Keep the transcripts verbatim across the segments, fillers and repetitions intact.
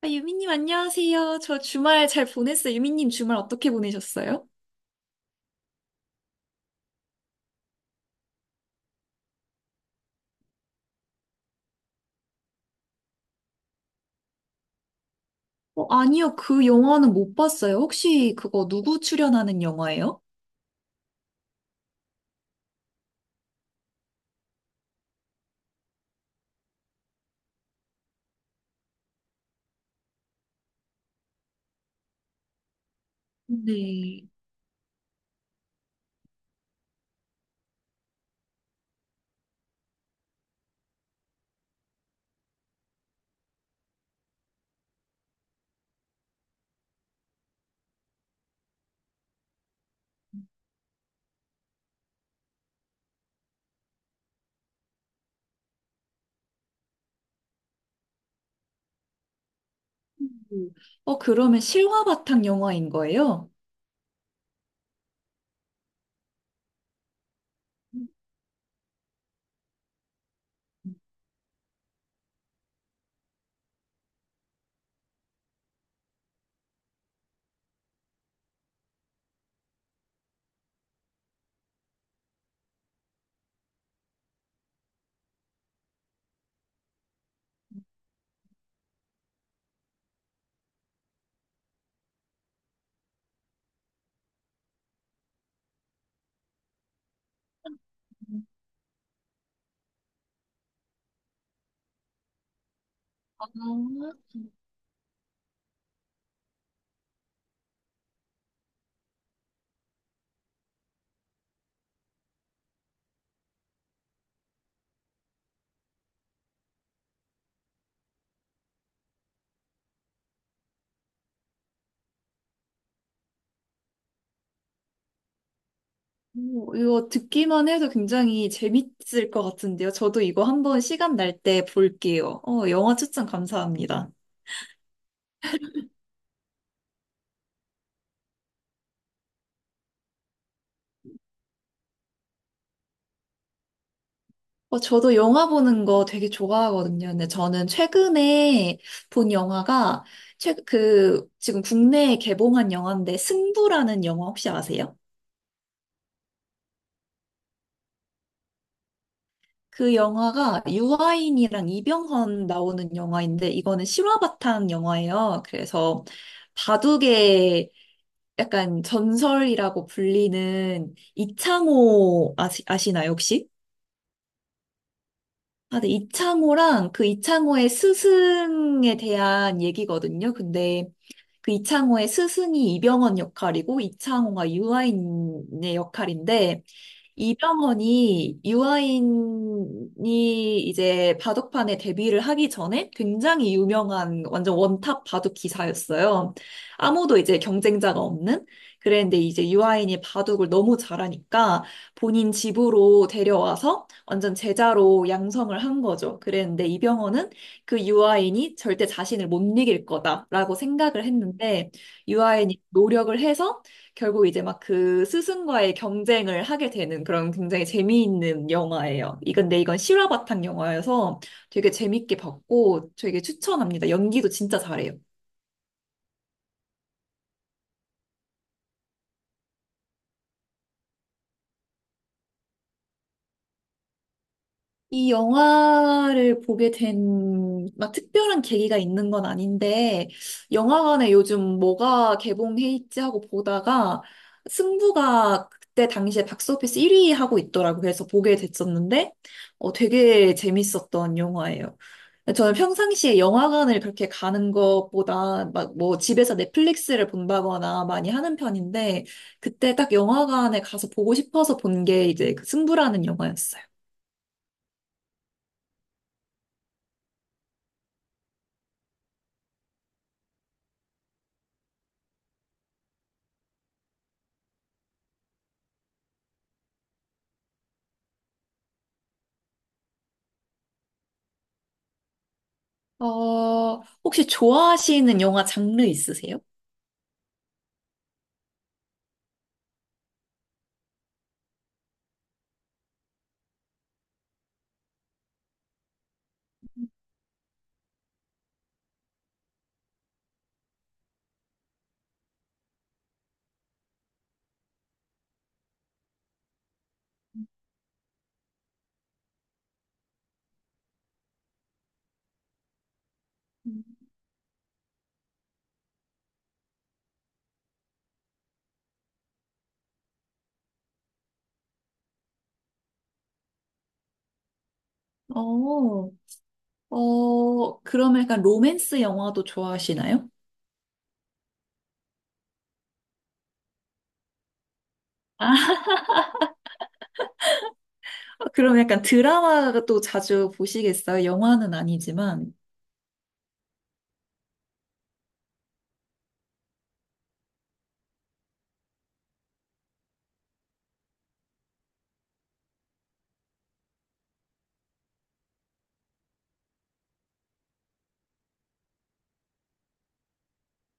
아, 유미님, 안녕하세요. 저 주말 잘 보냈어요. 유미님, 주말 어떻게 보내셨어요? 어, 아니요, 그 영화는 못 봤어요. 혹시 그거 누구 출연하는 영화예요? 네. 음. 어, 그러면 실화 바탕 영화인 거예요? 음. 아, 오, 이거 듣기만 해도 굉장히 재밌을 것 같은데요. 저도 이거 한번 시간 날 때 볼게요. 어, 영화 추천 감사합니다. 어, 저도 영화 보는 거 되게 좋아하거든요. 근데 저는 최근에 본 영화가, 최, 그, 지금 국내에 개봉한 영화인데, 승부라는 영화 혹시 아세요? 그 영화가 유아인이랑 이병헌 나오는 영화인데, 이거는 실화 바탕 영화예요. 그래서 바둑의 약간 전설이라고 불리는 이창호 아시, 아시나요, 혹시? 아, 네, 이창호랑 그 이창호의 스승에 대한 얘기거든요. 근데 그 이창호의 스승이 이병헌 역할이고 이창호가 유아인의 역할인데 이 병원이 유아인이 이제 바둑판에 데뷔를 하기 전에 굉장히 유명한 완전 원탑 바둑 기사였어요. 아무도 이제 경쟁자가 없는. 그랬는데 이제 유아인이 바둑을 너무 잘하니까 본인 집으로 데려와서 완전 제자로 양성을 한 거죠. 그랬는데 이병헌은 그 유아인이 절대 자신을 못 이길 거다라고 생각을 했는데 유아인이 노력을 해서 결국 이제 막 그 스승과의 경쟁을 하게 되는 그런 굉장히 재미있는 영화예요. 이건 데 이건 실화 바탕 영화여서 되게 재밌게 봤고 되게 추천합니다. 연기도 진짜 잘해요. 이 영화를 보게 된, 막 특별한 계기가 있는 건 아닌데, 영화관에 요즘 뭐가 개봉해 있지 하고 보다가, 승부가 그때 당시에 박스오피스 일 위 하고 있더라고. 그래서 보게 됐었는데, 어, 되게 재밌었던 영화예요. 저는 평상시에 영화관을 그렇게 가는 것보다 막 뭐 집에서 넷플릭스를 본다거나 많이 하는 편인데, 그때 딱 영화관에 가서 보고 싶어서 본 게 이제 그 승부라는 영화였어요. 어, 혹시 좋아하시는 영화 장르 있으세요? 어, 어, 그럼 약간 로맨스 영화도 좋아하시나요? 아, 그럼 약간 드라마도 자주 보시겠어요? 영화는 아니지만.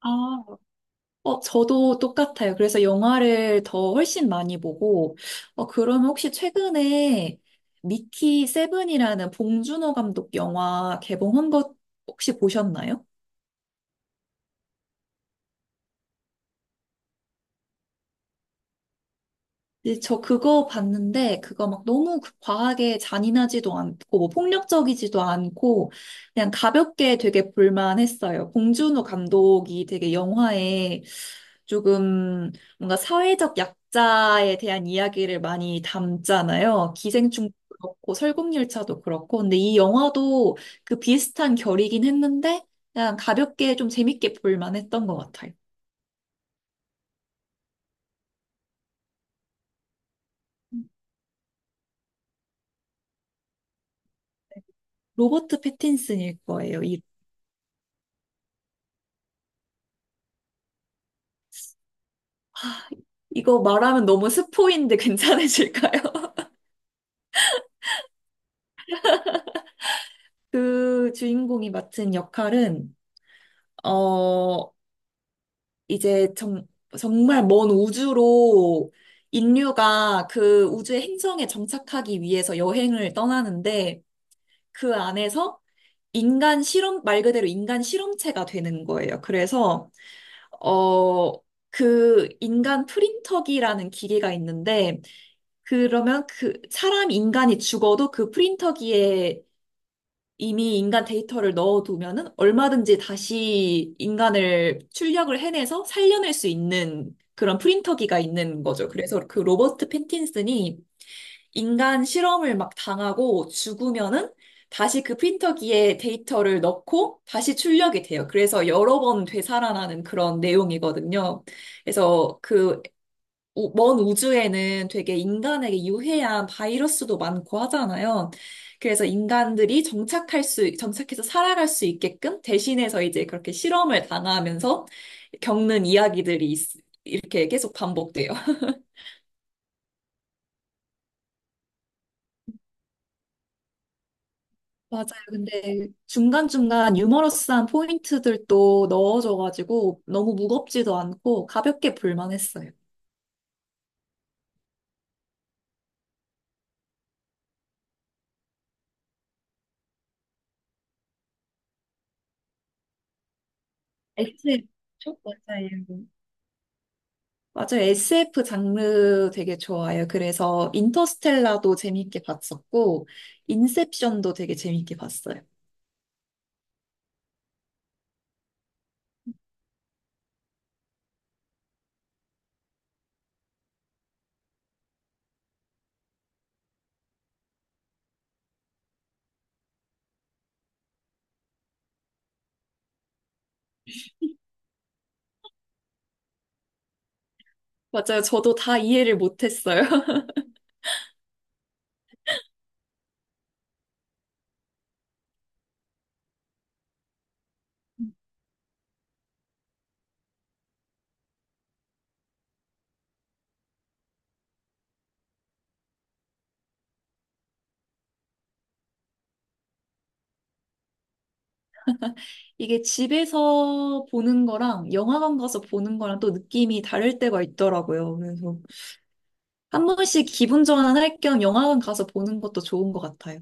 아, 어, 저도 똑같아요. 그래서 영화를 더 훨씬 많이 보고, 어, 그러면 혹시 최근에 미키 세븐이라는 봉준호 감독 영화 개봉한 것 혹시 보셨나요? 네, 저 그거 봤는데, 그거 막 너무 그- 과하게 잔인하지도 않고, 뭐 폭력적이지도 않고, 그냥 가볍게 되게 볼만했어요. 봉준호 감독이 되게 영화에 조금 뭔가 사회적 약자에 대한 이야기를 많이 담잖아요. 기생충도 그렇고, 설국열차도 그렇고. 근데 이 영화도 그 비슷한 결이긴 했는데, 그냥 가볍게 좀 재밌게 볼만했던 것 같아요. 로버트 패틴슨일 거예요. 이거 말하면 너무 스포인데 괜찮으실까요? 그 주인공이 맡은 역할은, 어, 이제 정, 정말 먼 우주로 인류가 그 우주의 행성에 정착하기 위해서 여행을 떠나는데 그 안에서 인간 실험, 말 그대로 인간 실험체가 되는 거예요. 그래서, 어, 그 인간 프린터기라는 기계가 있는데 그러면 그 사람 인간이 죽어도 그 프린터기에 이미 인간 데이터를 넣어두면은 얼마든지 다시 인간을 출력을 해내서 살려낼 수 있는 그런 프린터기가 있는 거죠. 그래서 그 로버트 패틴슨이 인간 실험을 막 당하고 죽으면은 다시 그 프린터기에 데이터를 넣고 다시 출력이 돼요. 그래서 여러 번 되살아나는 그런 내용이거든요. 그래서 그 우- 먼 우주에는 되게 인간에게 유해한 바이러스도 많고 하잖아요. 그래서 인간들이 정착할 수, 정착해서 살아갈 수 있게끔 대신해서 이제 그렇게 실험을 당하면서 겪는 이야기들이 있- 이렇게 계속 반복돼요. 맞아요. 근데 중간중간 유머러스한 포인트들도 넣어줘가지고 너무 무겁지도 않고 가볍게 볼만했어요. 에스에프, 맞아요. 맞아요. 에스에프 장르 되게 좋아요. 그래서 인터스텔라도 재밌게 봤었고, 인셉션도 되게 재밌게 봤어요. 맞아요. 저도 다 이해를 못했어요. 이게 집에서 보는 거랑 영화관 가서 보는 거랑 또 느낌이 다를 때가 있더라고요. 그래서 한 번씩 기분 전환할 겸 영화관 가서 보는 것도 좋은 것 같아요.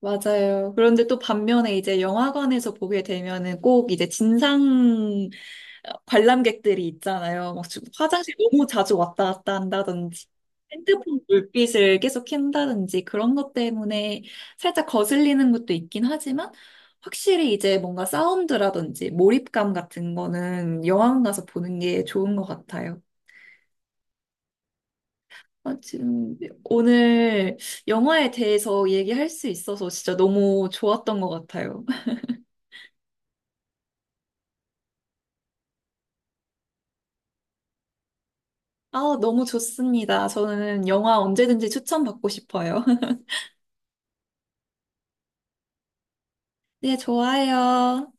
맞아요. 그런데 또 반면에 이제 영화관에서 보게 되면은 꼭 이제 진상 어, 관람객들이 있잖아요. 막 지금 화장실 너무 자주 왔다 갔다 한다든지, 핸드폰 불빛을 계속 켠다든지 그런 것 때문에 살짝 거슬리는 것도 있긴 하지만 확실히 이제 뭔가 사운드라든지 몰입감 같은 거는 영화관 가서 보는 게 좋은 것 같아요. 아, 지금 오늘 영화에 대해서 얘기할 수 있어서 진짜 너무 좋았던 것 같아요. 아, 너무 좋습니다. 저는 영화 언제든지 추천받고 싶어요. 네, 좋아요.